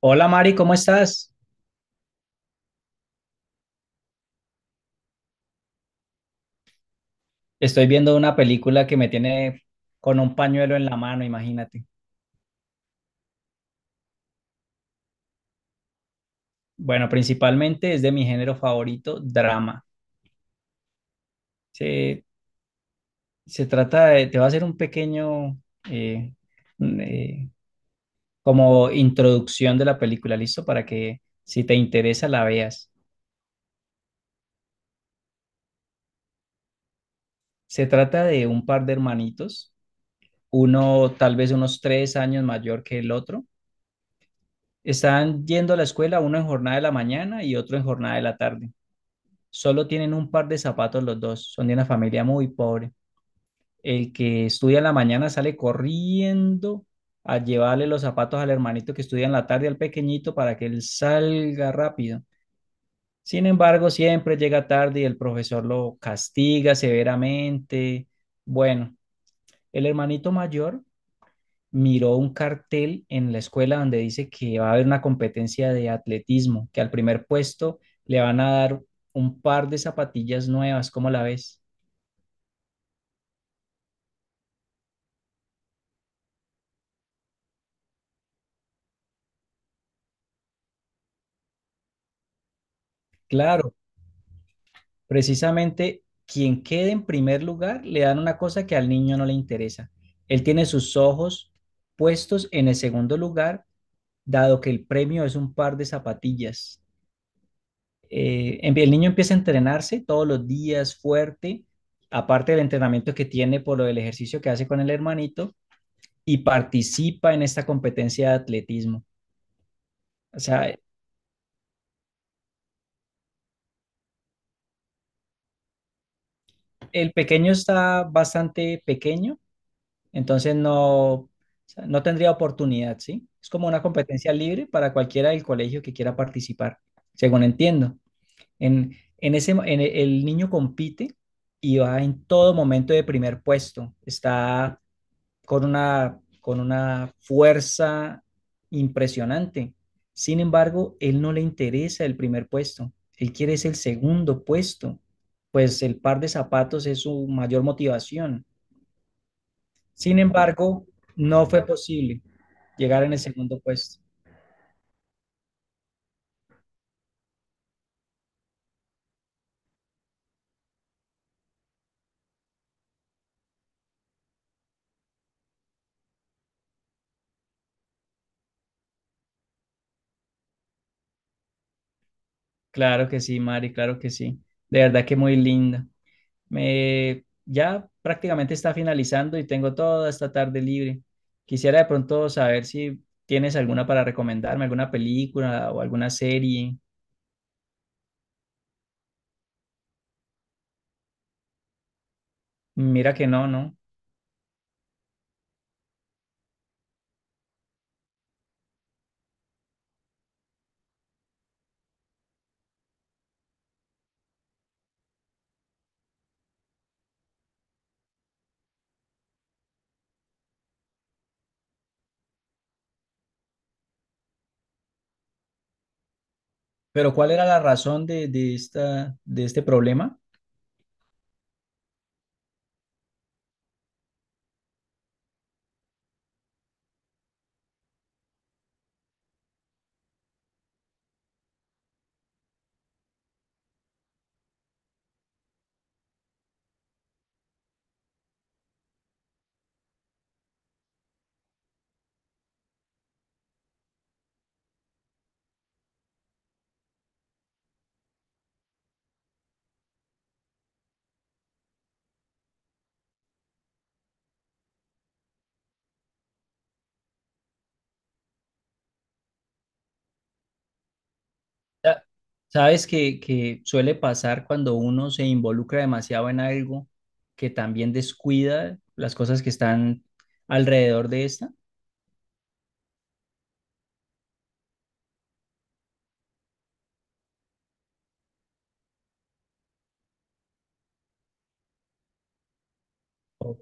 Hola Mari, ¿cómo estás? Estoy viendo una película que me tiene con un pañuelo en la mano, imagínate. Bueno, principalmente es de mi género favorito, drama. Se, se trata de, te voy a hacer un pequeño, eh, un, como introducción de la película, ¿listo? Para que si te interesa la veas. Se trata de un par de hermanitos, uno tal vez unos 3 años mayor que el otro. Están yendo a la escuela, uno en jornada de la mañana y otro en jornada de la tarde. Solo tienen un par de zapatos los dos, son de una familia muy pobre. El que estudia en la mañana sale corriendo a llevarle los zapatos al hermanito que estudia en la tarde, al pequeñito, para que él salga rápido. Sin embargo, siempre llega tarde y el profesor lo castiga severamente. Bueno, el hermanito mayor miró un cartel en la escuela donde dice que va a haber una competencia de atletismo, que al primer puesto le van a dar un par de zapatillas nuevas, ¿cómo la ves? Claro, precisamente quien quede en primer lugar le dan una cosa que al niño no le interesa. Él tiene sus ojos puestos en el segundo lugar, dado que el premio es un par de zapatillas. El niño empieza a entrenarse todos los días fuerte, aparte del entrenamiento que tiene por lo del ejercicio que hace con el hermanito, y participa en esta competencia de atletismo. O sea, el pequeño está bastante pequeño. Entonces no, o sea, no tendría oportunidad, ¿sí? Es como una competencia libre para cualquiera del colegio que quiera participar, según entiendo. En, en ese, el niño compite y va en todo momento de primer puesto. Está con una fuerza impresionante. Sin embargo, él no le interesa el primer puesto. Él quiere es el segundo puesto, pues el par de zapatos es su mayor motivación. Sin embargo, no fue posible llegar en el segundo puesto. Claro que sí, Mari, claro que sí. De verdad que muy linda. Me, ya prácticamente está finalizando y tengo toda esta tarde libre. Quisiera de pronto saber si tienes alguna para recomendarme, alguna película o alguna serie. Mira que no, ¿no? Pero ¿cuál era la razón de esta, de este problema? Ya, sabes que suele pasar cuando uno se involucra demasiado en algo que también descuida las cosas que están alrededor de esta. O-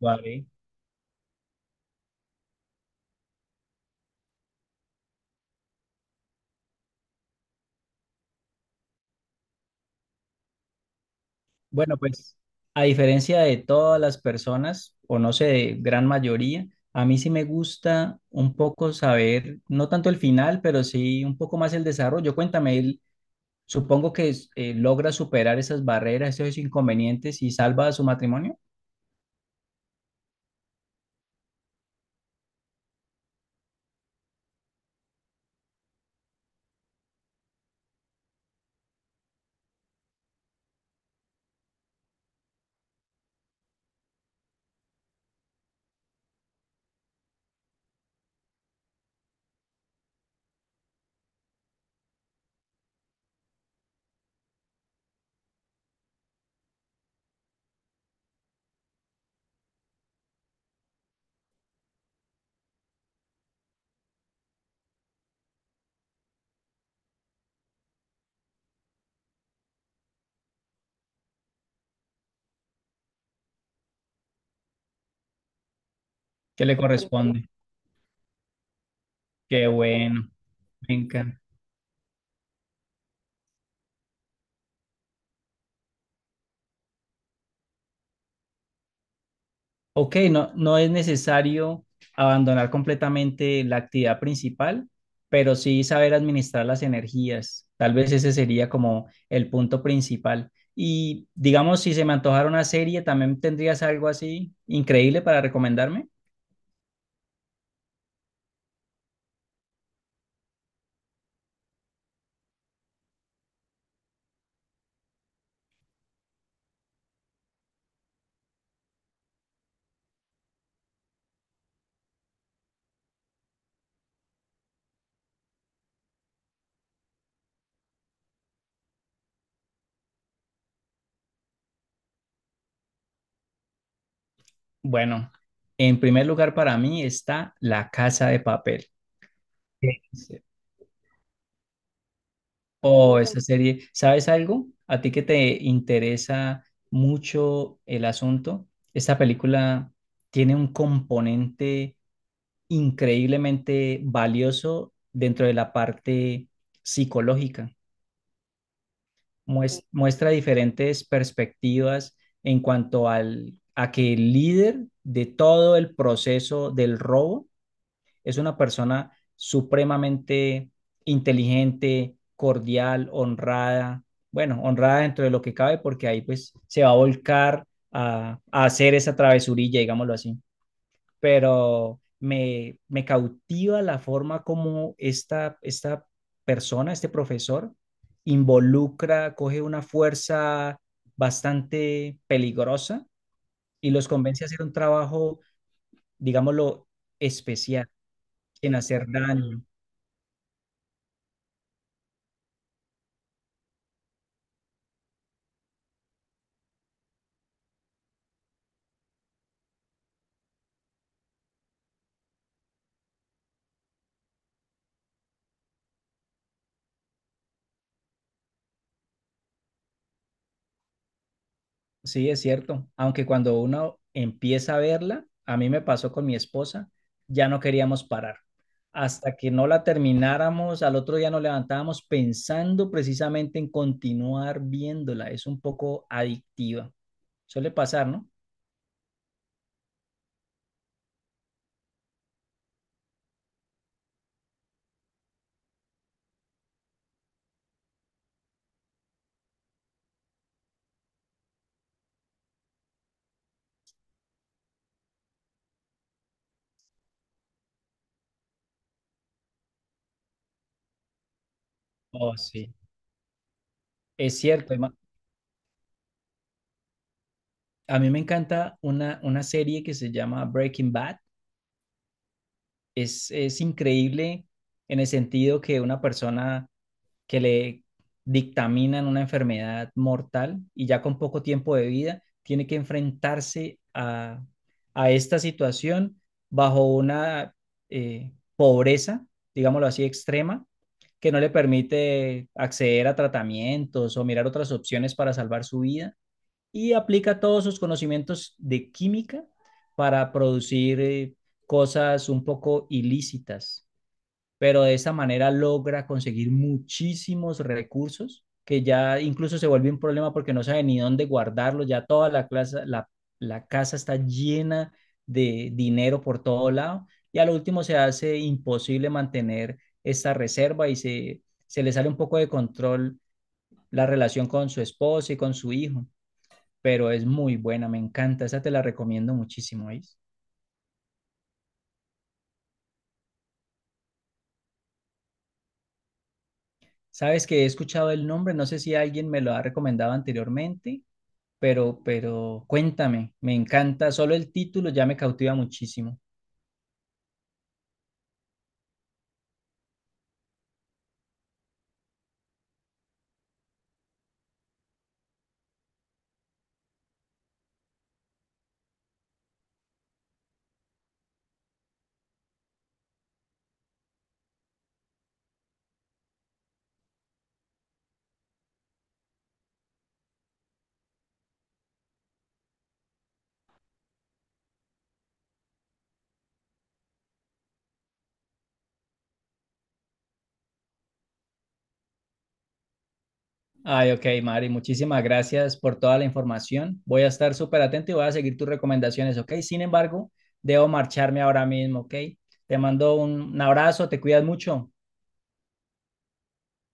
Vale. Bueno, pues a diferencia de todas las personas, o no sé, de gran mayoría, a mí sí me gusta un poco saber, no tanto el final, pero sí un poco más el desarrollo. Cuéntame, él, supongo que logra superar esas barreras, esos inconvenientes y salva a su matrimonio. ¿Qué le corresponde? Qué bueno. Me encanta. Ok, no, no es necesario abandonar completamente la actividad principal, pero sí saber administrar las energías. Tal vez ese sería como el punto principal. Y digamos, si se me antojara una serie, ¿también tendrías algo así increíble para recomendarme? Bueno, en primer lugar para mí está La Casa de Papel. Ok. Oh, esa serie, ¿sabes algo? A ti que te interesa mucho el asunto, esta película tiene un componente increíblemente valioso dentro de la parte psicológica. Muestra diferentes perspectivas en cuanto al, a que el líder de todo el proceso del robo es una persona supremamente inteligente, cordial, honrada, bueno, honrada dentro de lo que cabe porque ahí pues se va a volcar a hacer esa travesurilla, digámoslo así, pero me cautiva la forma como esta persona, este profesor, involucra, coge una fuerza bastante peligrosa y los convence a hacer un trabajo, digámoslo, especial, sin hacer daño. Sí, es cierto. Aunque cuando uno empieza a verla, a mí me pasó con mi esposa, ya no queríamos parar. Hasta que no la termináramos, al otro día nos levantábamos pensando precisamente en continuar viéndola. Es un poco adictiva. Suele pasar, ¿no? Oh, sí. Es cierto. Emma. A mí me encanta una serie que se llama Breaking Bad. Es increíble en el sentido que una persona que le dictaminan una enfermedad mortal y ya con poco tiempo de vida tiene que enfrentarse a esta situación bajo una pobreza, digámoslo así, extrema, que no le permite acceder a tratamientos o mirar otras opciones para salvar su vida y aplica todos sus conocimientos de química para producir cosas un poco ilícitas, pero de esta manera logra conseguir muchísimos recursos que ya incluso se vuelve un problema porque no sabe ni dónde guardarlos, ya toda la, clase, la casa está llena de dinero por todo lado y a lo último se hace imposible mantener esta reserva y se le sale un poco de control la relación con su esposa y con su hijo, pero es muy buena, me encanta, esa te la recomiendo muchísimo, ¿eh? Sabes que he escuchado el nombre, no sé si alguien me lo ha recomendado anteriormente, pero cuéntame, me encanta, solo el título ya me cautiva muchísimo. Ay, ok, Mari, muchísimas gracias por toda la información. Voy a estar súper atento y voy a seguir tus recomendaciones, ok. Sin embargo, debo marcharme ahora mismo, ok. Te mando un abrazo, te cuidas mucho.